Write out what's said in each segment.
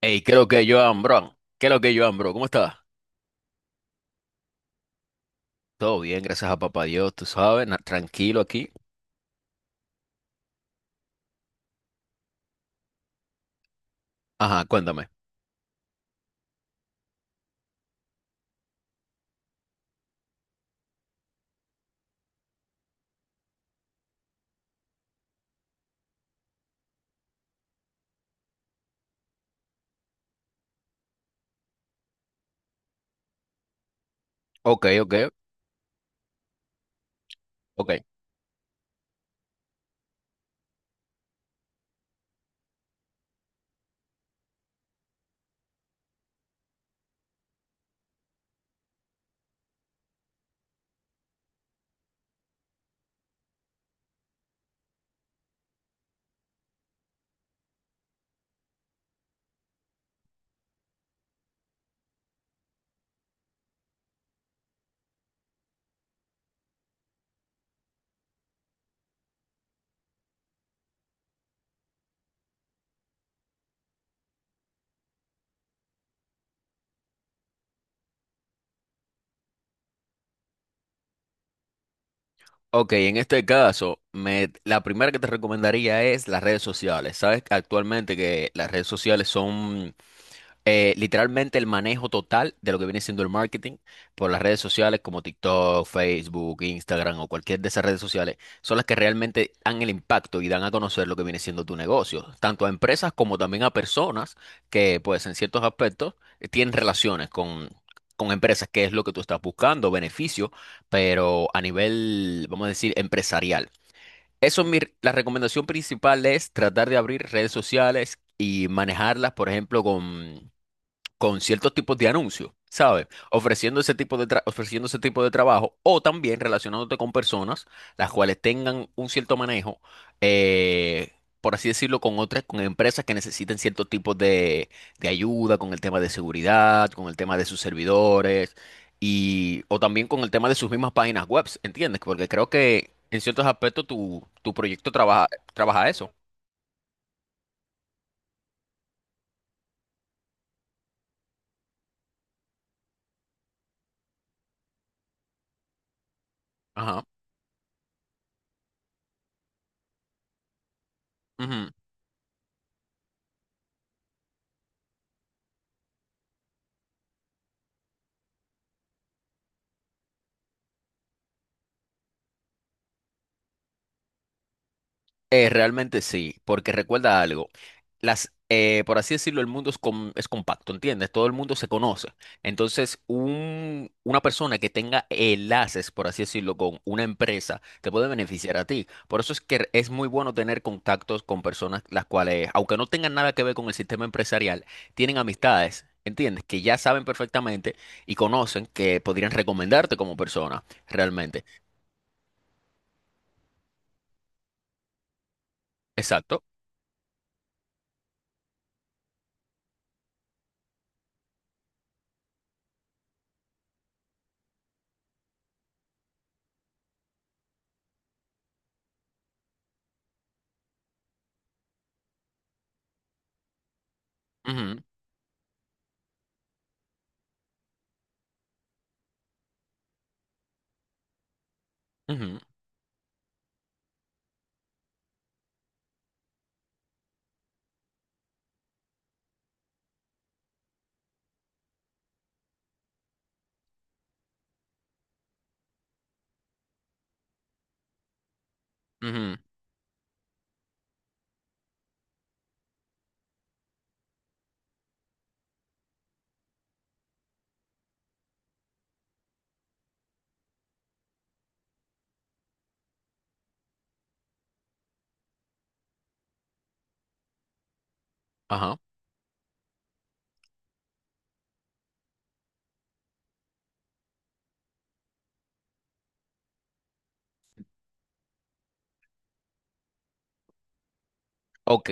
Hey, creo que Joan, bro. ¿Qué es lo que Joan, bro? ¿Cómo estás? Todo bien, gracias a papá Dios, tú sabes, tranquilo aquí. Ajá, cuéntame. Ok, ok, ok. Ok, en este caso, la primera que te recomendaría es las redes sociales. Sabes que actualmente que las redes sociales son literalmente el manejo total de lo que viene siendo el marketing por las redes sociales como TikTok, Facebook, Instagram o cualquier de esas redes sociales son las que realmente dan el impacto y dan a conocer lo que viene siendo tu negocio, tanto a empresas como también a personas que pues en ciertos aspectos tienen relaciones con empresas, que es lo que tú estás buscando, beneficio, pero a nivel, vamos a decir, empresarial. Eso es mi, r- la recomendación principal es tratar de abrir redes sociales y manejarlas, por ejemplo, con ciertos tipos de anuncios, ¿sabes? Ofreciendo ese tipo de trabajo o también relacionándote con personas las cuales tengan un cierto manejo, eh, por así decirlo, con empresas que necesiten cierto tipo de ayuda con el tema de seguridad, con el tema de sus servidores y o también con el tema de sus mismas páginas web, ¿entiendes? Porque creo que en ciertos aspectos tu proyecto trabaja eso. Ajá. Ujú. Realmente sí, porque recuerda algo, por así decirlo, el mundo es compacto, ¿entiendes? Todo el mundo se conoce. Entonces, una persona que tenga enlaces, por así decirlo, con una empresa, te puede beneficiar a ti. Por eso es que es muy bueno tener contactos con personas las cuales, aunque no tengan nada que ver con el sistema empresarial, tienen amistades. ¿Entiendes? Que ya saben perfectamente y conocen que podrían recomendarte como persona, realmente. Exacto. Ujú, ujú, ujú. Ajá. Ok.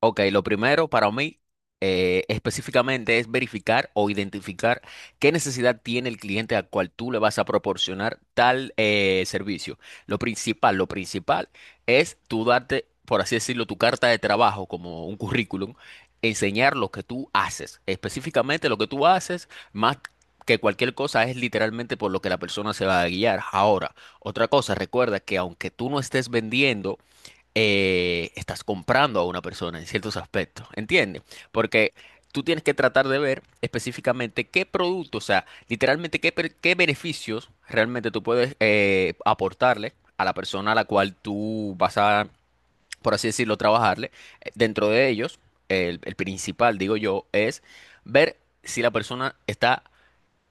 Ok, lo primero para mí específicamente es verificar o identificar qué necesidad tiene el cliente al cual tú le vas a proporcionar tal servicio. Lo principal es tú darte, por así decirlo, tu carta de trabajo como un currículum, enseñar lo que tú haces. Específicamente lo que tú haces, más que cualquier cosa, es literalmente por lo que la persona se va a guiar. Ahora, otra cosa, recuerda que aunque tú no estés vendiendo, estás comprando a una persona en ciertos aspectos, ¿entiendes? Porque tú tienes que tratar de ver específicamente qué producto, o sea, literalmente qué beneficios realmente tú puedes aportarle a la persona a la cual tú vas a, por así decirlo, trabajarle. Dentro de ellos, el principal, digo yo, es ver si la persona está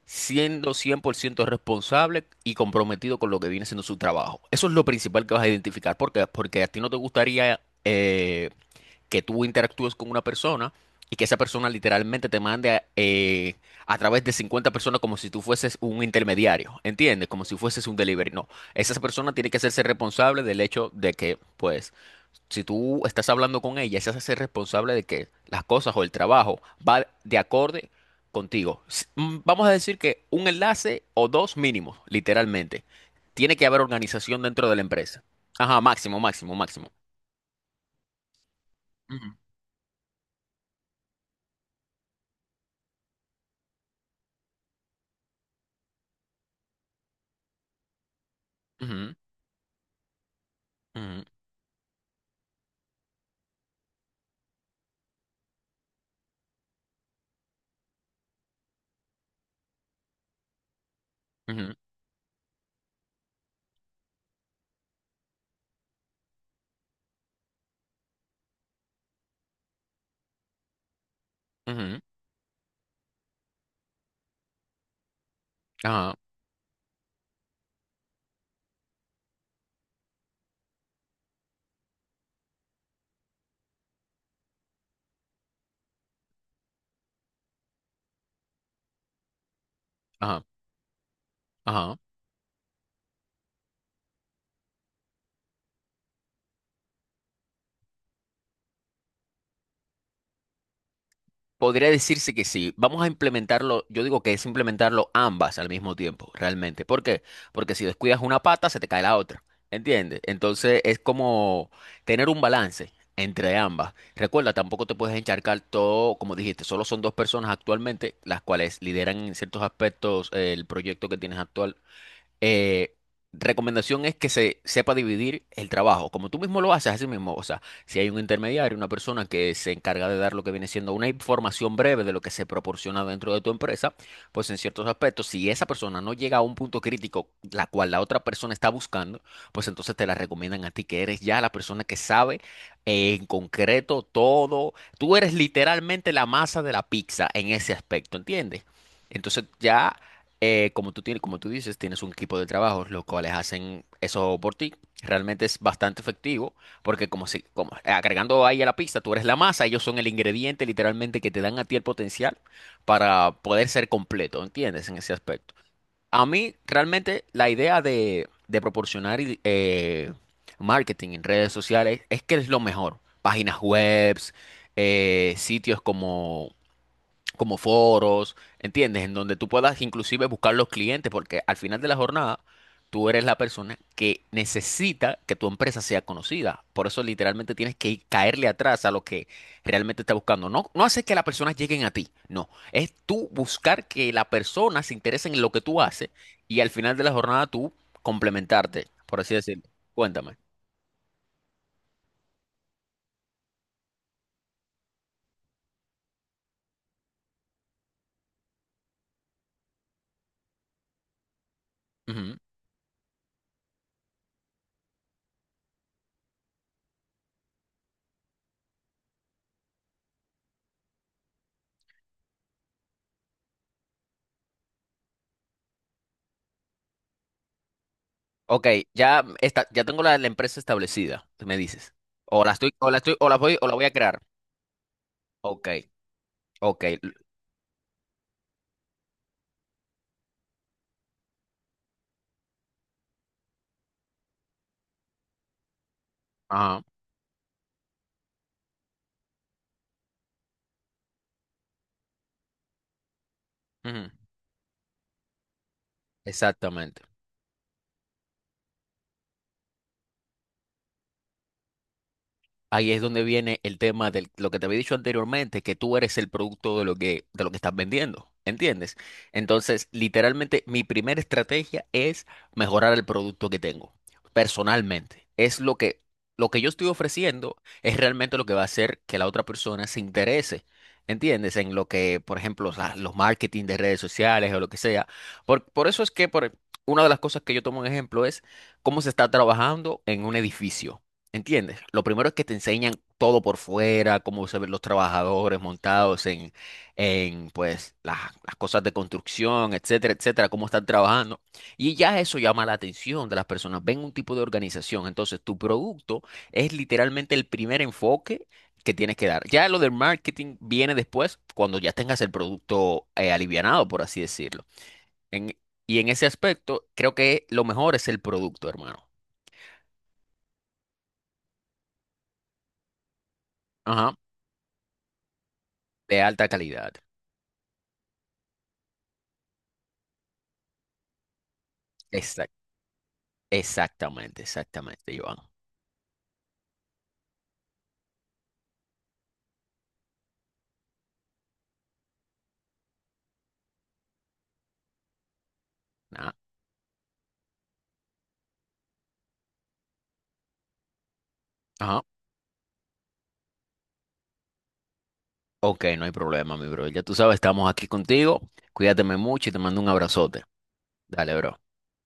siendo 100% responsable y comprometido con lo que viene siendo su trabajo. Eso es lo principal que vas a identificar, porque a ti no te gustaría eh, que tú interactúes con una persona y que esa persona literalmente te mande a través de 50 personas como si tú fueses un intermediario, ¿entiendes? Como si fueses un delivery. No, esa persona tiene que hacerse responsable del hecho de que, pues, si tú estás hablando con ella, se hace ser responsable de que las cosas o el trabajo va de acorde contigo. Vamos a decir que un enlace o dos mínimos, literalmente. Tiene que haber organización dentro de la empresa. Ajá, máximo, máximo, máximo. Ujú, ujú, ujú, ujú, ujú. Ajá, ajá, ajá. Podría decirse que sí. Vamos a implementarlo, yo digo que es implementarlo ambas al mismo tiempo, realmente. ¿Por qué? Porque si descuidas una pata, se te cae la otra. ¿Entiendes? Entonces es como tener un balance entre ambas. Recuerda, tampoco te puedes encharcar todo, como dijiste, solo son dos personas actualmente las cuales lideran en ciertos aspectos el proyecto que tienes actual eh, recomendación es que se sepa dividir el trabajo, como tú mismo lo haces, así mismo. O sea, si hay un intermediario, una persona que se encarga de dar lo que viene siendo una información breve de lo que se proporciona dentro de tu empresa, pues en ciertos aspectos, si esa persona no llega a un punto crítico, la cual la otra persona está buscando, pues entonces te la recomiendan a ti, que eres ya la persona que sabe en concreto todo. Tú eres literalmente la masa de la pizza en ese aspecto, ¿entiendes? Entonces ya como tú tienes, como tú dices, tienes un equipo de trabajo, los cuales hacen eso por ti. Realmente es bastante efectivo, porque como si, como agregando ahí a la pista, tú eres la masa, ellos son el ingrediente literalmente que te dan a ti el potencial para poder ser completo, ¿entiendes? En ese aspecto. A mí realmente la idea de proporcionar marketing en redes sociales es que es lo mejor. Páginas webs, sitios como foros, ¿entiendes? En donde tú puedas inclusive buscar los clientes, porque al final de la jornada tú eres la persona que necesita que tu empresa sea conocida. Por eso literalmente tienes que caerle atrás a lo que realmente está buscando. No, no haces que las personas lleguen a ti, no. Es tú buscar que la persona se interese en lo que tú haces y al final de la jornada tú complementarte, por así decirlo. Cuéntame. Ujú. Ok, ya está, ya tengo la empresa establecida, me dices. O la estoy, o la estoy, o la voy a crear. Ok, ok. Ajá. Ujú. Exactamente. Ahí es donde viene el tema de lo que te había dicho anteriormente, que tú eres el producto de lo que estás vendiendo, ¿entiendes? Entonces, literalmente, mi primera estrategia es mejorar el producto que tengo, personalmente. Es lo que yo estoy ofreciendo, es realmente lo que va a hacer que la otra persona se interese, ¿entiendes? En lo que, por ejemplo, los marketing de redes sociales o lo que sea. Por eso es que una de las cosas que yo tomo en ejemplo es cómo se está trabajando en un edificio. ¿Entiendes? Lo primero es que te enseñan todo por fuera, cómo se ven los trabajadores montados en pues, las cosas de construcción, etcétera, etcétera, cómo están trabajando. Y ya eso llama la atención de las personas. Ven un tipo de organización. Entonces, tu producto es literalmente el primer enfoque que tienes que dar. Ya lo del marketing viene después, cuando ya tengas el producto alivianado, por así decirlo. En- y en ese aspecto, creo que lo mejor es el producto, hermano. Ajá, de alta calidad. Exactamente, exactamente, Iván. Ah. Ajá. Ok, no hay problema, mi bro. Ya tú sabes, estamos aquí contigo. Cuídateme mucho y te mando un abrazote. Dale, bro.